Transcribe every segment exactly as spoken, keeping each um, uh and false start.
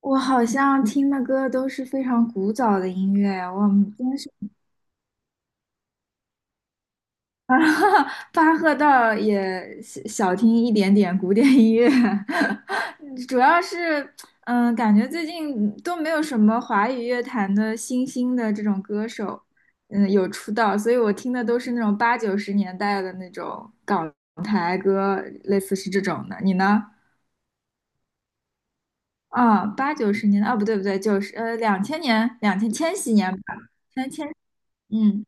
我好像听的歌都是非常古早的音乐，我们真是。 啊，巴赫倒也小小听一点点古典音乐。主要是嗯，感觉最近都没有什么华语乐坛的新兴的这种歌手，嗯，有出道，所以我听的都是那种八九十年代的那种港台歌，类似是这种的。你呢？啊、八九十年代啊，不对不对，九十呃两千年，两千千禧年吧，千千。嗯。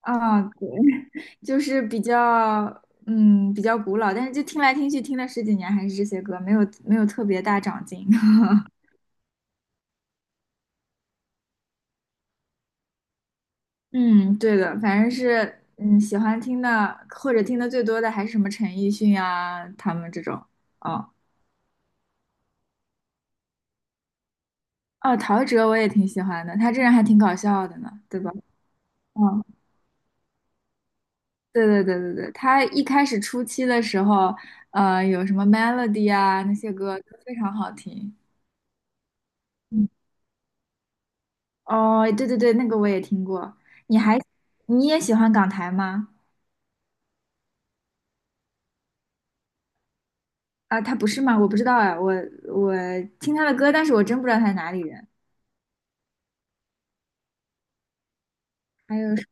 啊，对。 就是比较，嗯，比较古老，但是就听来听去，听了十几年还是这些歌，没有没有特别大长进。嗯，对的，反正是，嗯，喜欢听的或者听的最多的还是什么陈奕迅啊，他们这种。哦，哦，陶喆我也挺喜欢的，他这人还挺搞笑的呢，对吧？嗯，对对对对对，他一开始初期的时候，呃，有什么 Melody 啊那些歌都非常好听。嗯，哦，对对对，那个我也听过。你还你也喜欢港台吗？啊，他不是吗？我不知道哎，我我听他的歌，但是我真不知道他是哪里人。还有什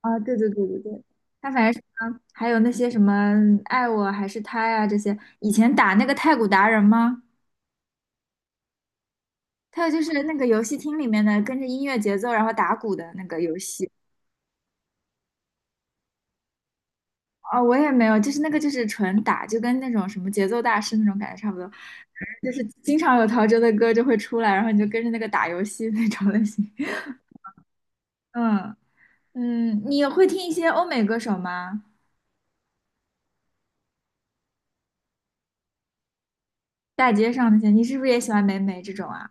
啊，对对对对对，他反正是啊，还有那些什么爱我还是他呀这些，以前打那个太鼓达人吗？还有就是那个游戏厅里面的跟着音乐节奏然后打鼓的那个游戏。哦，我也没有，就是那个就是纯打，就跟那种什么节奏大师那种感觉差不多，就是经常有陶喆的歌就会出来，然后你就跟着那个打游戏那种类型。嗯，嗯，你会听一些欧美歌手吗？大街上那些，你是不是也喜欢霉霉这种啊？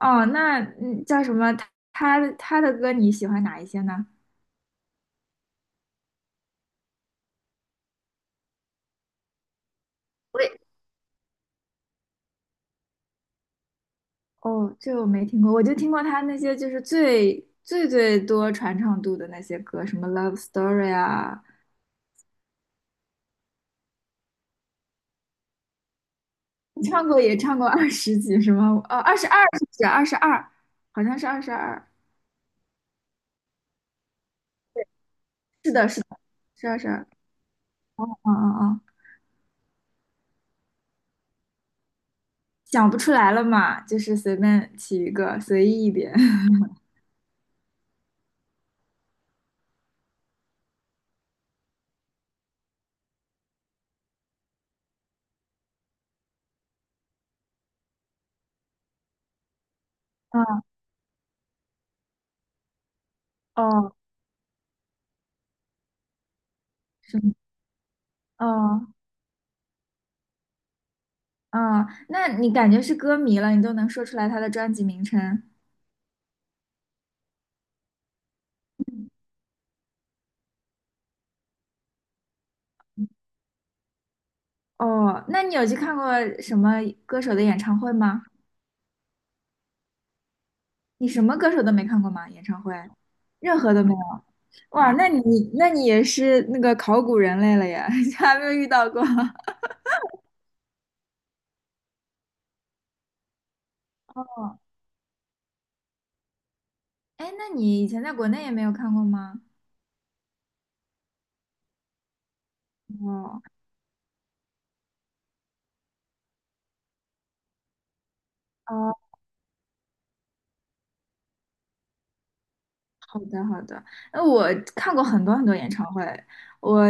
哦，那嗯叫什么？他他的歌你喜欢哪一些呢？我也哦，这个我没听过，我就听过他那些就是最最最多传唱度的那些歌，什么《Love Story》啊，你唱过也唱过二十几是吗？哦，二十二是不是？二十二，好像是二十二。是的，是的，是二十二。嗯嗯嗯，想不出来了嘛，就是随便起一个，随意一点。嗯，哦，是吗？哦，哦，那你感觉是歌迷了，你都能说出来他的专辑名称。哦，那你有去看过什么歌手的演唱会吗？你什么歌手都没看过吗？演唱会，任何都没有。哇，那你那你也是那个考古人类了呀，还没有遇到过。哦，哎，那你以前在国内也没有看过吗？哦，哦，好的好的。那我看过很多很多演唱会。我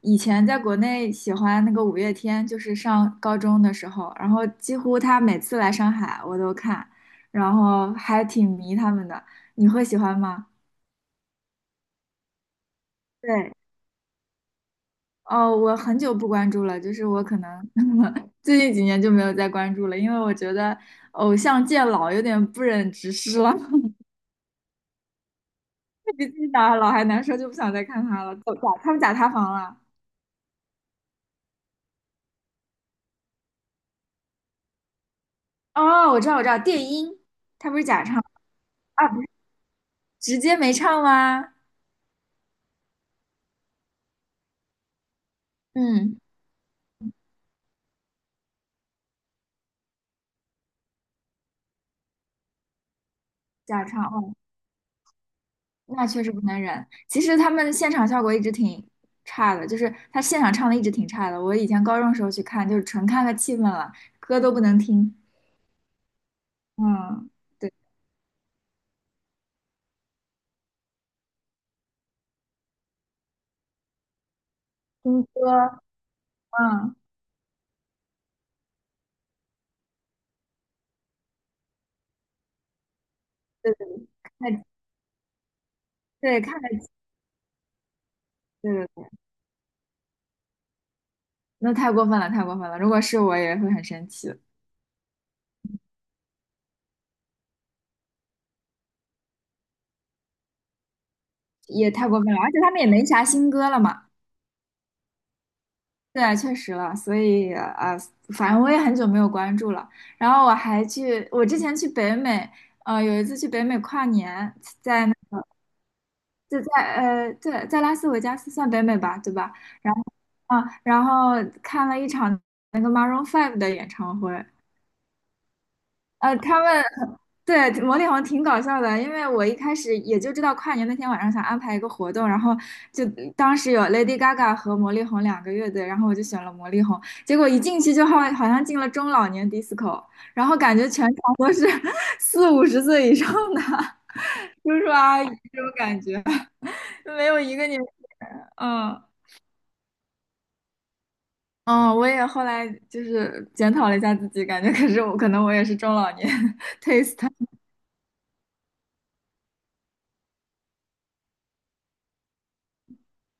以前在国内喜欢那个五月天，就是上高中的时候，然后几乎他每次来上海我都看，然后还挺迷他们的。你会喜欢吗？对，哦，我很久不关注了，就是我可能 最近几年就没有再关注了，因为我觉得偶像见老有点不忍直视了。比自己打老还难受，就不想再看他了。哦假他们假塌房了。哦，我知道，我知道，电音，他不是假唱啊，不是直接没唱吗？嗯，假唱，哦，那确实不能忍。其实他们现场效果一直挺差的，就是他现场唱的一直挺差的。我以前高中时候去看，就是纯看个气氛了，歌都不能听。嗯。对。听歌，嗯，对对对，看对，看得起对对对，那太过分了，太过分了。如果是我也会很生气，也太过分了。而且他们也没啥新歌了嘛，对啊，确实了。所以啊呃反正我也很久没有关注了。然后我还去，我之前去北美，呃，有一次去北美跨年，在那就在，呃对，在拉斯维加斯算北美吧，对吧？然后啊，然后看了一场那个 Maroon Five 的演唱会，呃，他们对魔力红挺搞笑的，因为我一开始也就知道跨年那天晚上想安排一个活动，然后就当时有 Lady Gaga 和魔力红两个乐队，然后我就选了魔力红，结果一进去就好好像进了中老年 disco，然后感觉全场都是 四五十岁以上的 叔叔阿姨这种感觉，没有一个年，嗯，嗯，我也后来就是检讨了一下自己，感觉可是我可能我也是中老年。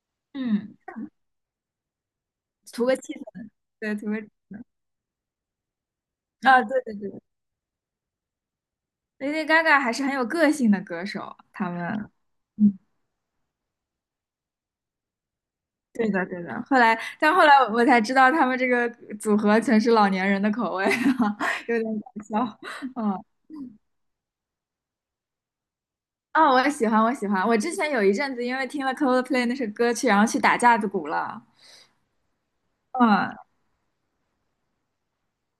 嗯，图个气氛，对，图个。啊，对对对，Lady Gaga 还是很有个性的歌手，他们，嗯，对的对的。后来，但后来我才知道他们这个组合全是老年人的口味。哈，有点搞笑。嗯，哦，我喜欢，我喜欢。我之前有一阵子因为听了 Coldplay 那首歌曲，然后去打架子鼓了。嗯，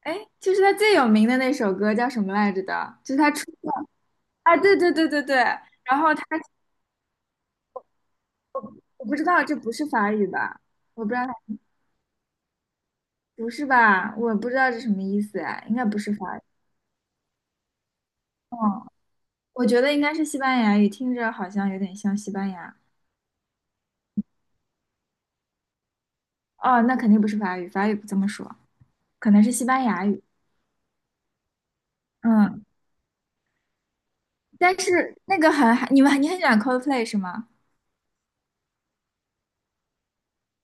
哎，就是他最有名的那首歌叫什么来着的？就是他出道啊，对对对对对。然后他，我不知道这不是法语吧？我不知道，不是吧？我不知道这什么意思哎，应该不是法语。哦，我觉得应该是西班牙语，听着好像有点像西班牙。哦，那肯定不是法语，法语不这么说，可能是西班牙语。嗯，但是那个很，你们你很喜欢 Coldplay 是吗？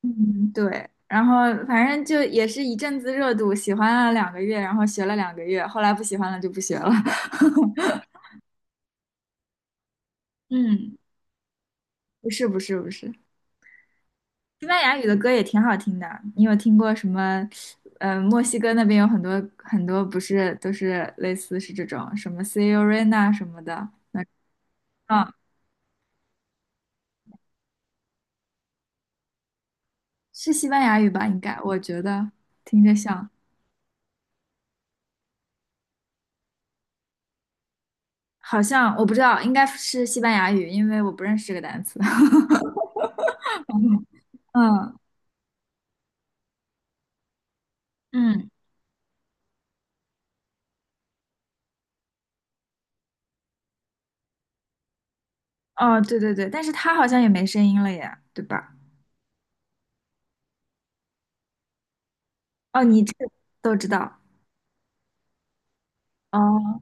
嗯，对。然后反正就也是一阵子热度，喜欢了两个月，然后学了两个月，后来不喜欢了就不学了。嗯，不是不是不是，西班牙语的歌也挺好听的。你有听过什么？呃，墨西哥那边有很多很多，不是都是类似是这种什么 Selena 什么的。嗯，是西班牙语吧？应该，我觉得听着像，好像我不知道，应该是西班牙语，因为我不认识这个单词。嗯，嗯，哦，对对对，但是他好像也没声音了耶，对吧？哦，你这个都知道。哦，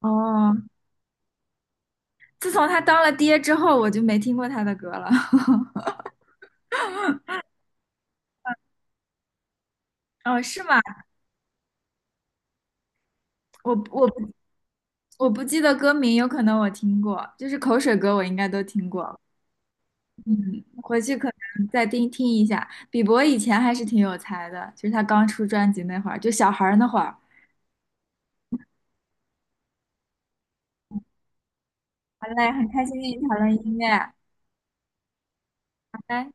哦，自从他当了爹之后，我就没听过他的歌了。哦，是吗？我我不我不记得歌名，有可能我听过，就是口水歌，我应该都听过。嗯，回去可能再听听一下。比伯以前还是挺有才的，就是他刚出专辑那会儿，就小孩儿那会儿。好嘞，很开心跟你讨论音乐，拜拜。